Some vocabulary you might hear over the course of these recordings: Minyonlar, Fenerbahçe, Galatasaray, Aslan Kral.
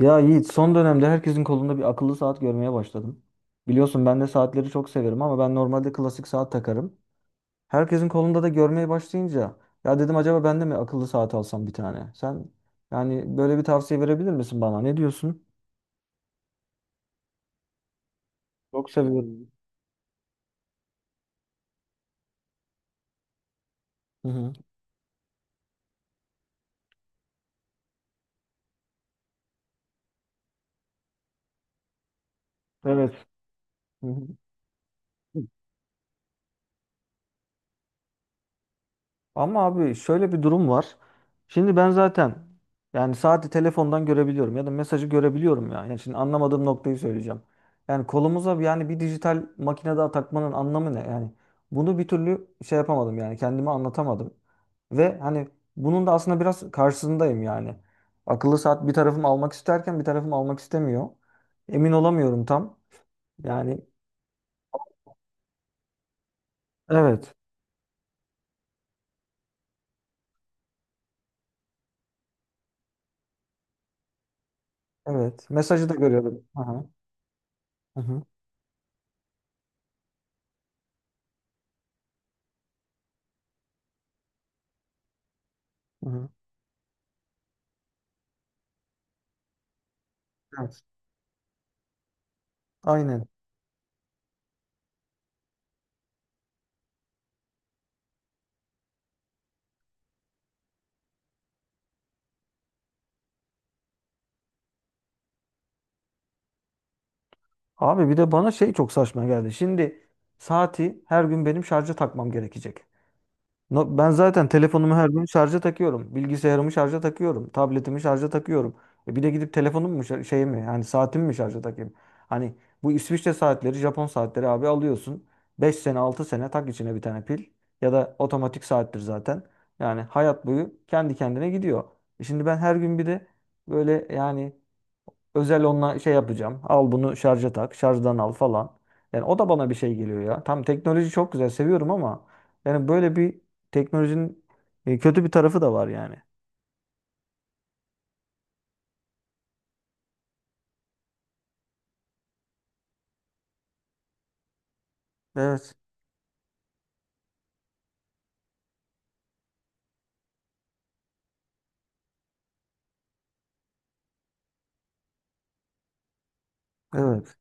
Ya Yiğit, son dönemde herkesin kolunda bir akıllı saat görmeye başladım. Biliyorsun ben de saatleri çok severim ama ben normalde klasik saat takarım. Herkesin kolunda da görmeye başlayınca ya dedim acaba ben de mi akıllı saat alsam bir tane? Sen yani böyle bir tavsiye verebilir misin bana? Ne diyorsun? Çok seviyorum. Hı hı. Evet. Hı hı. Ama abi şöyle bir durum var. Şimdi ben zaten yani saati telefondan görebiliyorum ya da mesajı görebiliyorum ya. Yani şimdi anlamadığım noktayı söyleyeceğim. Yani kolumuza yani bir dijital makine daha takmanın anlamı ne? Yani bunu bir türlü şey yapamadım yani kendime anlatamadım. Ve hani bunun da aslında biraz karşısındayım yani. Akıllı saat bir tarafım almak isterken bir tarafım almak istemiyor. Emin olamıyorum tam. Yani evet, evet. Mesajı da görüyorum. Aha. Hı hı. Hı hı. Evet. Aynen. Abi bir de bana şey çok saçma geldi. Şimdi saati her gün benim şarja takmam gerekecek. Ben zaten telefonumu her gün şarja takıyorum. Bilgisayarımı şarja takıyorum. Tabletimi şarja takıyorum. E bir de gidip telefonumu mu şey mi yani saatimi mi şarja takayım? Hani bu İsviçre saatleri, Japon saatleri abi alıyorsun. 5 sene 6 sene tak içine bir tane pil. Ya da otomatik saattir zaten. Yani hayat boyu kendi kendine gidiyor. E şimdi ben her gün bir de böyle yani özel onunla şey yapacağım. Al bunu şarja tak. Şarjdan al falan. Yani o da bana bir şey geliyor ya. Tam teknoloji çok güzel seviyorum ama yani böyle bir teknolojinin kötü bir tarafı da var yani. Evet. Evet.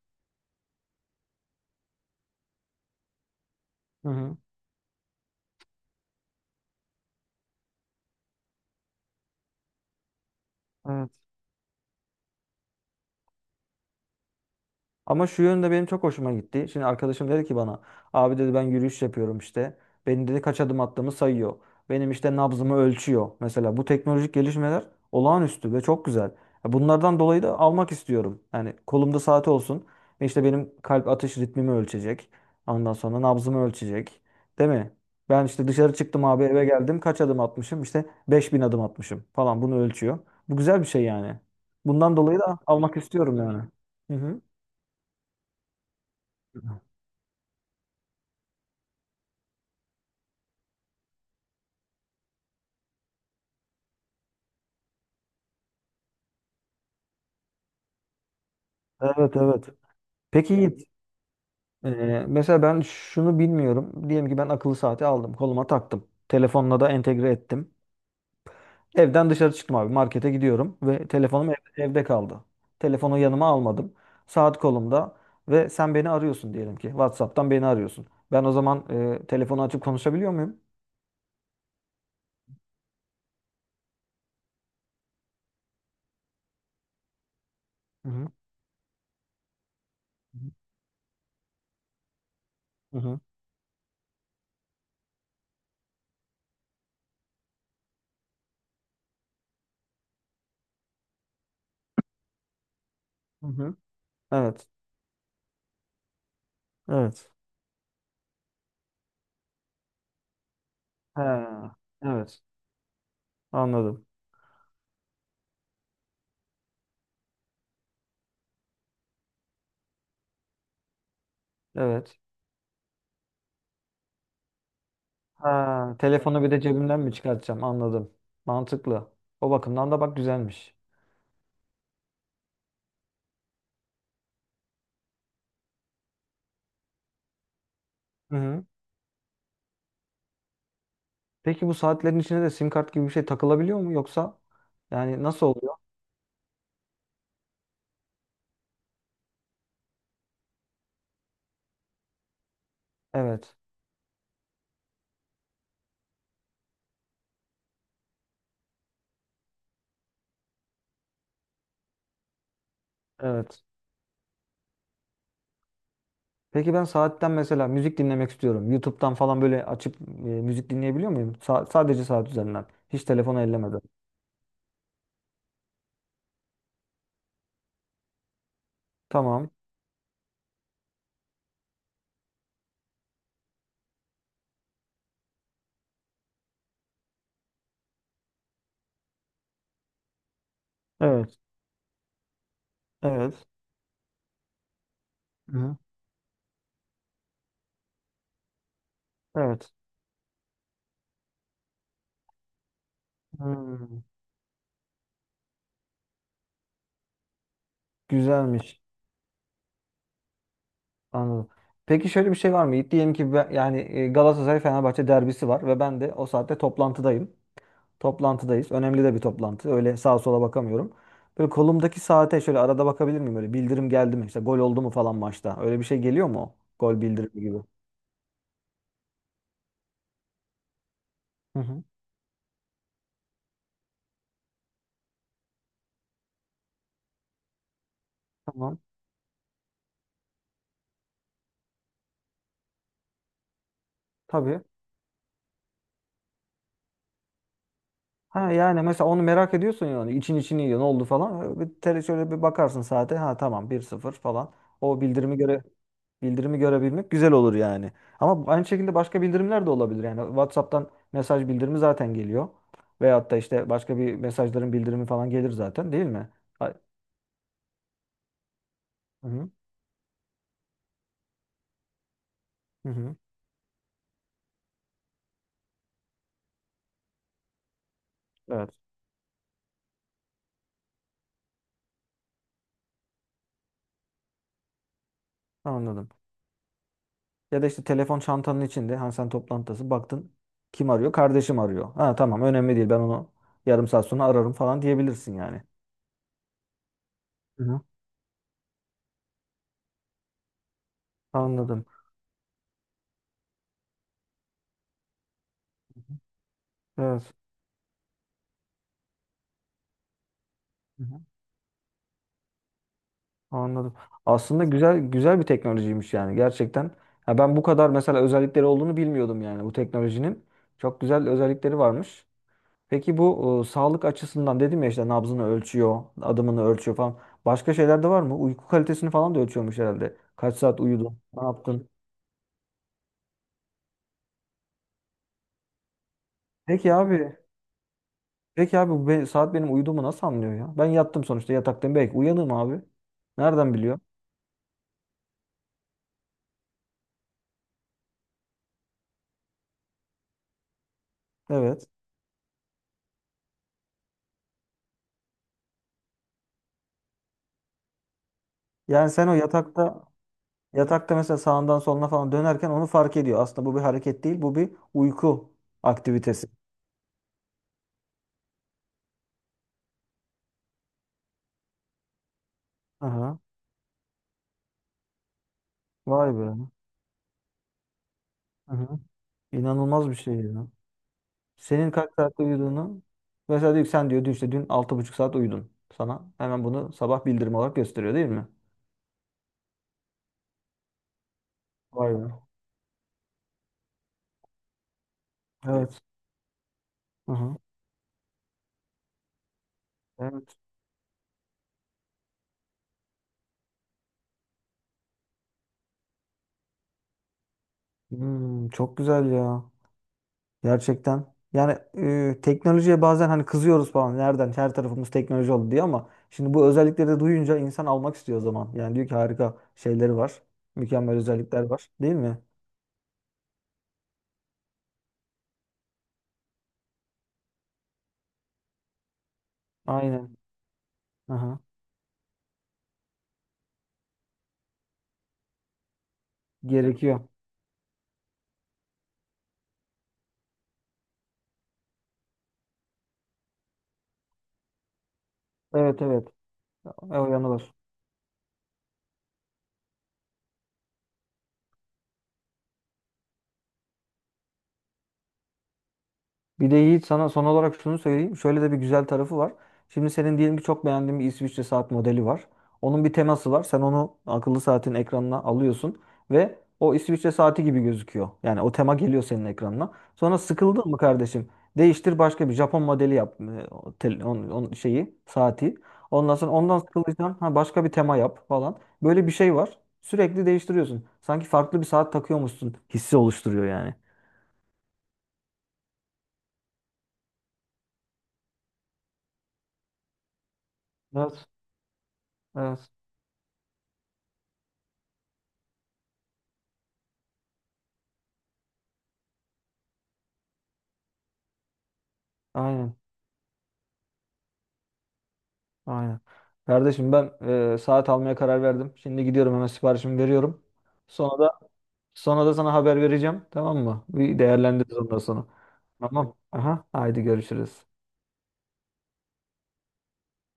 Hı hı. Ama şu yönde benim çok hoşuma gitti. Şimdi arkadaşım dedi ki bana abi dedi ben yürüyüş yapıyorum işte. Benim dedi kaç adım attığımı sayıyor. Benim işte nabzımı ölçüyor. Mesela bu teknolojik gelişmeler olağanüstü ve çok güzel. Ya bunlardan dolayı da almak istiyorum. Yani kolumda saati olsun ve işte benim kalp atış ritmimi ölçecek. Ondan sonra nabzımı ölçecek. Değil mi? Ben işte dışarı çıktım abi, eve geldim, kaç adım atmışım? İşte 5.000 adım atmışım falan, bunu ölçüyor. Bu güzel bir şey yani. Bundan dolayı da almak istiyorum yani. Hı hı. Evet evet. Peki Yiğit, e, mesela ben şunu bilmiyorum. Diyelim ki ben akıllı saati aldım, koluma taktım. Telefonla da entegre ettim. Evden dışarı çıktım abi, markete gidiyorum ve telefonum evde kaldı. Telefonu yanıma almadım. Saat kolumda ve sen beni arıyorsun diyelim ki. WhatsApp'tan beni arıyorsun. Ben o zaman telefonu açıp konuşabiliyor muyum? Hı hı. Hı hı. Hı hı. Evet. Evet. He, evet. Anladım. Evet. Ha, telefonu bir de cebimden mi çıkartacağım? Anladım. Mantıklı. O bakımdan da bak güzelmiş. Hı hı. Peki bu saatlerin içine de sim kart gibi bir şey takılabiliyor mu, yoksa yani nasıl oluyor? Evet. Evet. Peki ben saatten mesela müzik dinlemek istiyorum. YouTube'dan falan böyle açıp müzik dinleyebiliyor muyum? Sadece saat üzerinden. Hiç telefonu ellemeden. Tamam. Evet. Evet. Hı. Evet. Hmm. Güzelmiş. Anladım. Peki şöyle bir şey var mı, Yiğit? Diyelim ki ben, yani Galatasaray Fenerbahçe derbisi var ve ben de o saatte toplantıdayım. Toplantıdayız. Önemli de bir toplantı. Öyle sağa sola bakamıyorum. Böyle kolumdaki saate şöyle arada bakabilir miyim? Böyle bildirim geldi mi? İşte gol oldu mu falan maçta. Öyle bir şey geliyor mu, o? Gol bildirimi gibi. Hı hı. Tamam. Tabii. Ha yani mesela onu merak ediyorsun yani. İçin içini yiyor. Ne oldu falan. Öyle bir tele şöyle bir bakarsın saate. Ha tamam, 1-0 falan. O bildirimi göre Bildirimi görebilmek güzel olur yani. Ama aynı şekilde başka bildirimler de olabilir. Yani WhatsApp'tan mesaj bildirimi zaten geliyor. Veyahut da işte başka bir mesajların bildirimi falan gelir zaten, değil mi? Ay- Hı hı. Hı hı. Evet. Anladım. Ya da işte telefon çantanın içinde, hani sen toplantıdasın, baktın kim arıyor? Kardeşim arıyor. Ha tamam, önemli değil, ben onu yarım saat sonra ararım falan diyebilirsin yani. Hı hı. Anladım. Evet. Hı hı. Anladım. Aslında güzel güzel bir teknolojiymiş yani, gerçekten. Ha, ben bu kadar mesela özellikleri olduğunu bilmiyordum yani bu teknolojinin. Çok güzel özellikleri varmış. Peki bu sağlık açısından dedim ya, işte nabzını ölçüyor, adımını ölçüyor falan. Başka şeyler de var mı? Uyku kalitesini falan da ölçüyormuş herhalde. Kaç saat uyudun? Ne yaptın? Peki abi. Peki abi, bu saat benim uyuduğumu nasıl anlıyor ya? Ben yattım sonuçta, yataktayım. Belki uyanığım abi. Nereden biliyor? Evet. Yani sen o yatakta Yatakta mesela sağından soluna falan dönerken onu fark ediyor. Aslında bu bir hareket değil, bu bir uyku aktivitesi. Aha. Vay be. Aha. İnanılmaz bir şey ya. Senin kaç saatte uyuduğunu mesela diyor ki sen diyor dün, işte dün 6,5 saat uyudun. Sana hemen bunu sabah bildirim olarak gösteriyor, değil mi? Vay be. Evet. Aha. Evet. Hmm, çok güzel ya. Gerçekten. Yani teknolojiye bazen hani kızıyoruz falan. Nereden? Her tarafımız teknoloji oldu diye, ama şimdi bu özellikleri de duyunca insan almak istiyor o zaman. Yani diyor ki harika şeyleri var. Mükemmel özellikler var, değil mi? Aynen. Aha. Gerekiyor. Evet evet. E, o yanı var. Bir de Yiğit, sana son olarak şunu söyleyeyim. Şöyle de bir güzel tarafı var. Şimdi senin diyelim ki çok beğendiğin bir İsviçre saat modeli var. Onun bir teması var. Sen onu akıllı saatin ekranına alıyorsun ve o İsviçre saati gibi gözüküyor. Yani o tema geliyor senin ekranına. Sonra sıkıldın mı, kardeşim? Değiştir, başka bir Japon modeli yap. On şeyi, saati. Ondan sonra ondan sıkıldıysan ha, başka bir tema yap falan. Böyle bir şey var. Sürekli değiştiriyorsun. Sanki farklı bir saat takıyormuşsun hissi oluşturuyor yani. Evet, evet. Aynen. Aynen. Kardeşim, ben saat almaya karar verdim. Şimdi gidiyorum, hemen siparişimi veriyorum. Sonra da sonra da sana haber vereceğim. Tamam mı? Bir değerlendiririz ondan sonra. Tamam. Aha. Haydi görüşürüz.